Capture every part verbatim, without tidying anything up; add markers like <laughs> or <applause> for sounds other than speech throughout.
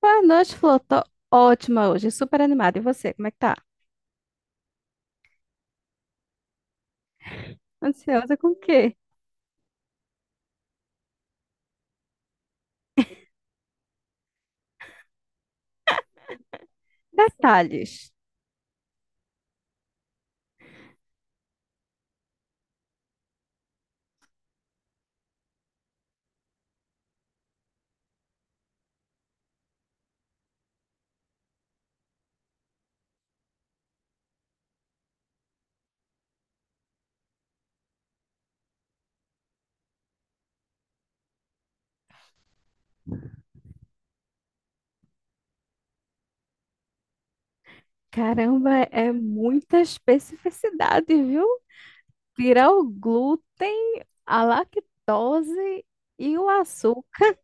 Boa noite, Flor. Tô ótima hoje, super animada. E você, como é que tá? Ansiosa com o quê? Detalhes. Caramba, é muita especificidade, viu? Tirar o glúten, a lactose e o açúcar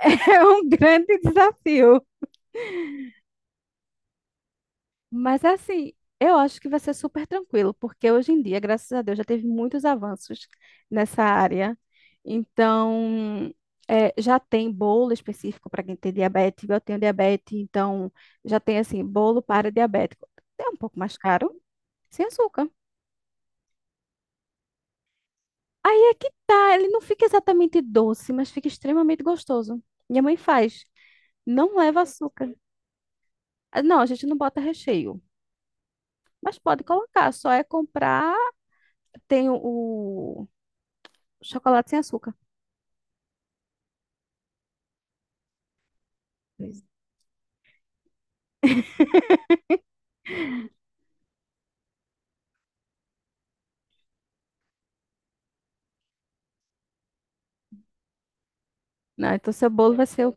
<laughs> é um grande desafio. Mas assim, eu acho que vai ser super tranquilo, porque hoje em dia, graças a Deus, já teve muitos avanços nessa área. Então, é, já tem bolo específico para quem tem diabetes. Eu tenho diabetes, então já tem assim, bolo para diabético. É um pouco mais caro, sem açúcar. Aí é que tá, ele não fica exatamente doce, mas fica extremamente gostoso. Minha mãe faz, não leva açúcar. Ah, não, a gente não bota recheio, mas pode colocar, só é comprar tem o chocolate sem açúcar. Pois não, então seu bolo vai ser o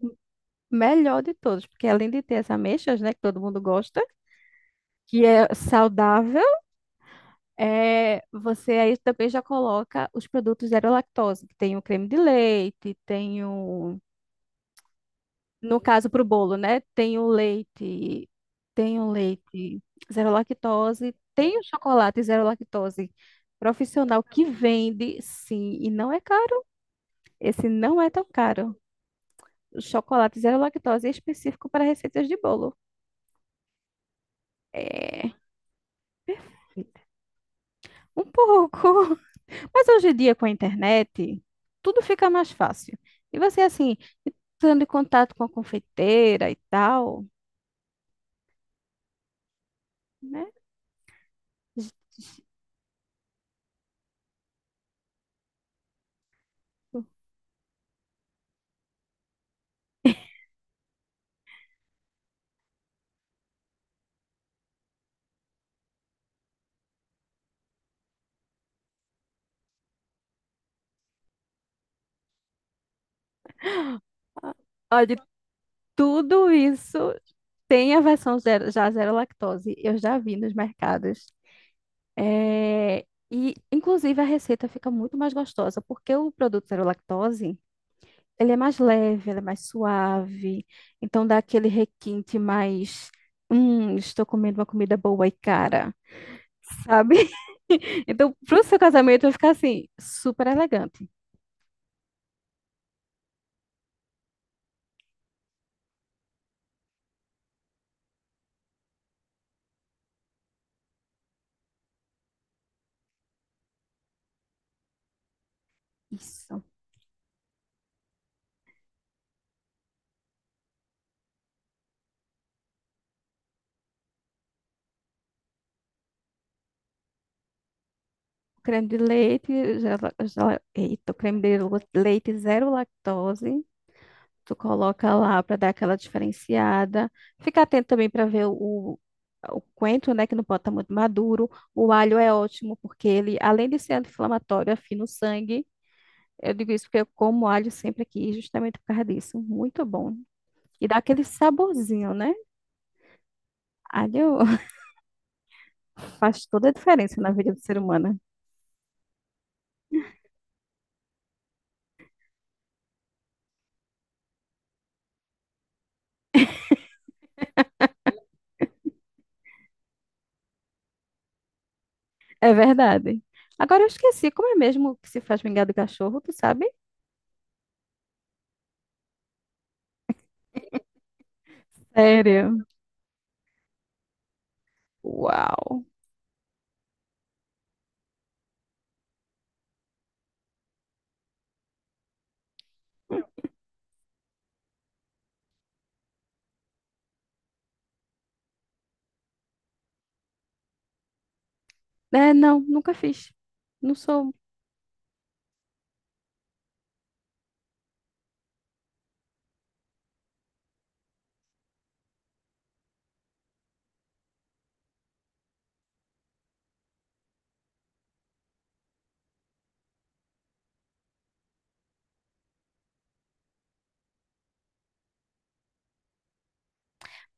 melhor de todos, porque além de ter as ameixas, né, que todo mundo gosta, que é saudável, é, você aí também já coloca os produtos zero lactose, que tem o creme de leite, tem o, no caso para o bolo, né, tem o leite, tem o leite zero lactose, tem o chocolate zero lactose profissional que vende, sim, e não é caro. Esse não é tão caro. Chocolate zero lactose é específico para receitas de bolo. É, perfeito. Um pouco. <laughs> Mas hoje em dia, com a internet, tudo fica mais fácil. E você, assim, entrando em contato com a confeiteira e tal, né? Olha, tudo isso tem a versão zero, já zero lactose. Eu já vi nos mercados. É, e, inclusive, a receita fica muito mais gostosa, porque o produto zero lactose, ele é mais leve, ele é mais suave, então dá aquele requinte mais, hum, estou comendo uma comida boa e cara, sabe? <laughs> Então, pro seu casamento vai ficar assim, super elegante. Isso. Creme de leite, gela, gela- eita, o creme de lu- leite zero lactose. Tu coloca lá para dar aquela diferenciada. Fica atento também para ver o, o coentro, né, que não pode estar muito maduro. O alho é ótimo porque ele, além de ser anti-inflamatório, afina o sangue. Eu digo isso porque eu como alho sempre aqui, justamente por causa disso. Muito bom. E dá aquele saborzinho, né? Alho <laughs> faz toda a diferença na vida do ser humano. É verdade. Agora eu esqueci, como é mesmo que se faz mingau de cachorro, tu sabe? Sério? Uau. É, não, nunca fiz. Não sou.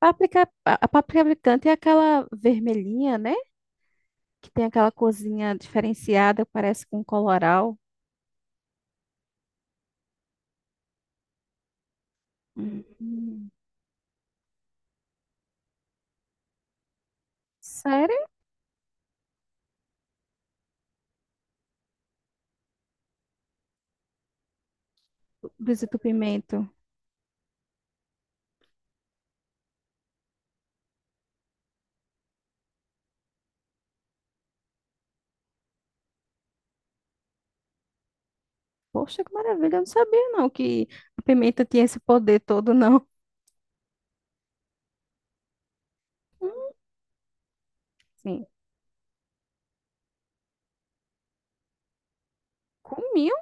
Páprica, a a páprica picante é aquela vermelhinha, né? Que tem aquela corzinha diferenciada, parece com coloral. Hum. Sério? Desentupimento. Poxa, que maravilha. Eu não sabia, não, que a pimenta tinha esse poder todo, não. Hum, sim, comiam.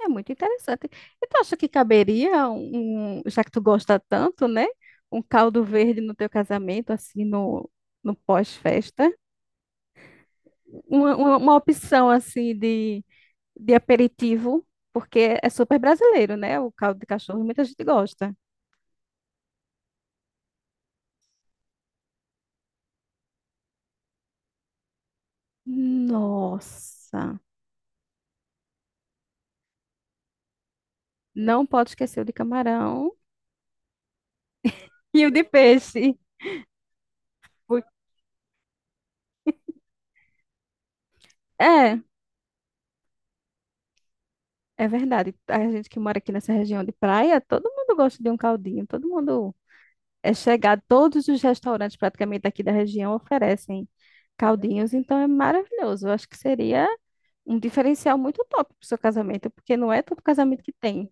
É muito interessante. E tu acha que caberia um, um- já que tu gosta tanto, né? Um caldo verde no teu casamento, assim, no, no pós-festa? Uma, uma, uma opção, assim, de, de aperitivo, porque é super brasileiro, né? O caldo de cachorro, muita gente gosta. Nossa! Não pode esquecer o de camarão e o de peixe. Por- É. É verdade. A gente que mora aqui nessa região de praia, todo mundo gosta de um caldinho, todo mundo é chegado, todos os restaurantes praticamente aqui da região oferecem caldinhos, então é maravilhoso. Eu acho que seria um diferencial muito top para o seu casamento, porque não é todo casamento que tem.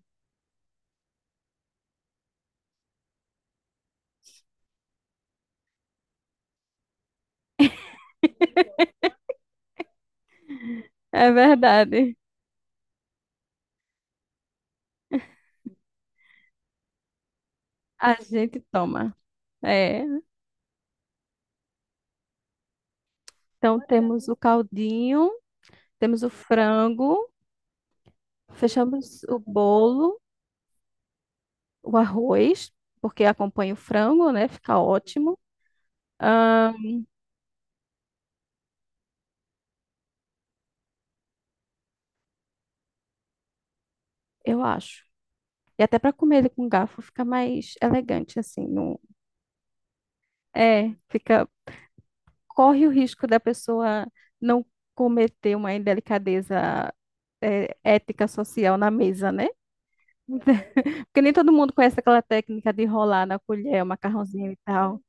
É verdade. A gente toma. É. Então temos o caldinho, temos o frango, fechamos o bolo, o arroz, porque acompanha o frango, né? Fica ótimo. Ahn, eu acho. E até para comer ele com garfo fica mais elegante, assim. Não, é, fica, corre o risco da pessoa não cometer uma indelicadeza é, ética social na mesa, né? Porque nem todo mundo conhece aquela técnica de enrolar na colher o macarrãozinho e tal.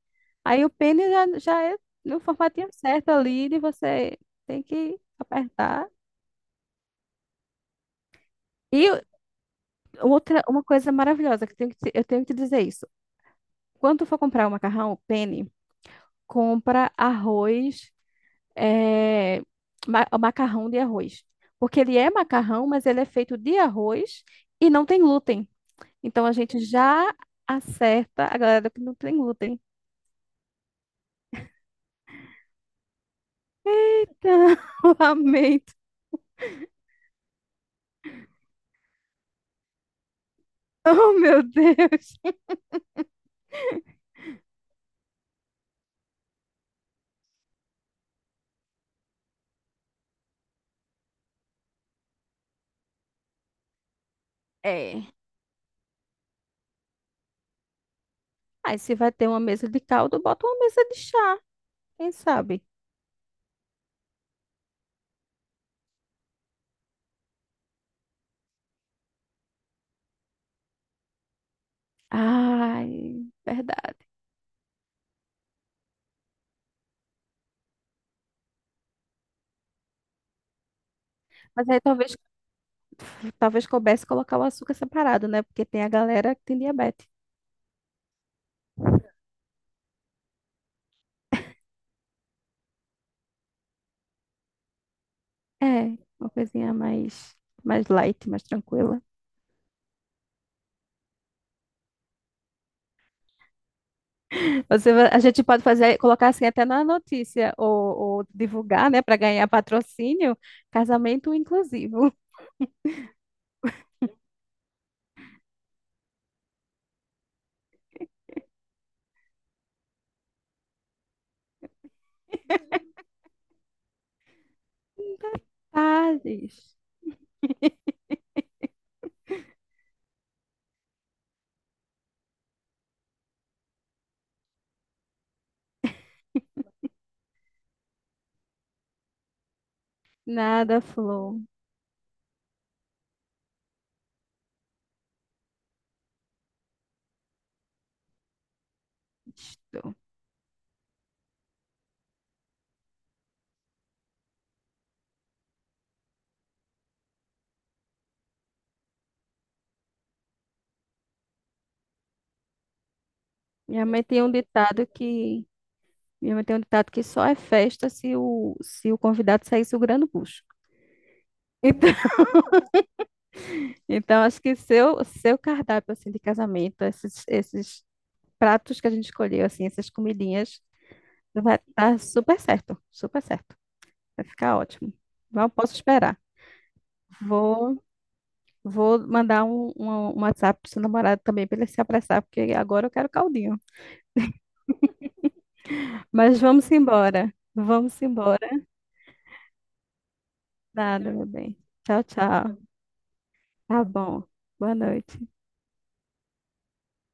Aí o pene já, já é no formatinho certo ali, de você tem que apertar. E outra, uma coisa maravilhosa que eu tenho que te, eu tenho que te dizer isso. Quando tu for comprar o macarrão, o pene, compra arroz é, ma- macarrão de arroz. Porque ele é macarrão, mas ele é feito de arroz e não tem glúten. Então a gente já acerta a galera que não tem glúten. <laughs> Lamento. Oh, meu Deus. É. Aí se vai ter uma mesa de caldo, bota uma mesa de chá, quem sabe? Ai, verdade. Mas aí talvez, talvez coubesse colocar o açúcar separado, né? Porque tem a galera que tem diabetes. É, uma coisinha mais, mais light, mais tranquila. Você, va- a gente pode fazer, colocar assim até na notícia ou, ou divulgar, né, para ganhar patrocínio, casamento inclusivo. <laughs> Ah, diz. Nada, Flor. Isto. Minha mãe tem um ditado que minha mãe tem um ditado que só é festa se o, se o convidado sair segurando o bucho. Então, <laughs> então acho que seu seu cardápio assim de casamento, esses esses pratos que a gente escolheu assim, essas comidinhas, vai dar super certo, super certo. Vai ficar ótimo. Não posso esperar. Vou, vou mandar um, um, um uatizap pro seu namorado também para ele se apressar, porque agora eu quero caldinho. Mas vamos embora. Vamos embora. Nada, meu bem. Tchau, tchau. Tá bom. Boa noite.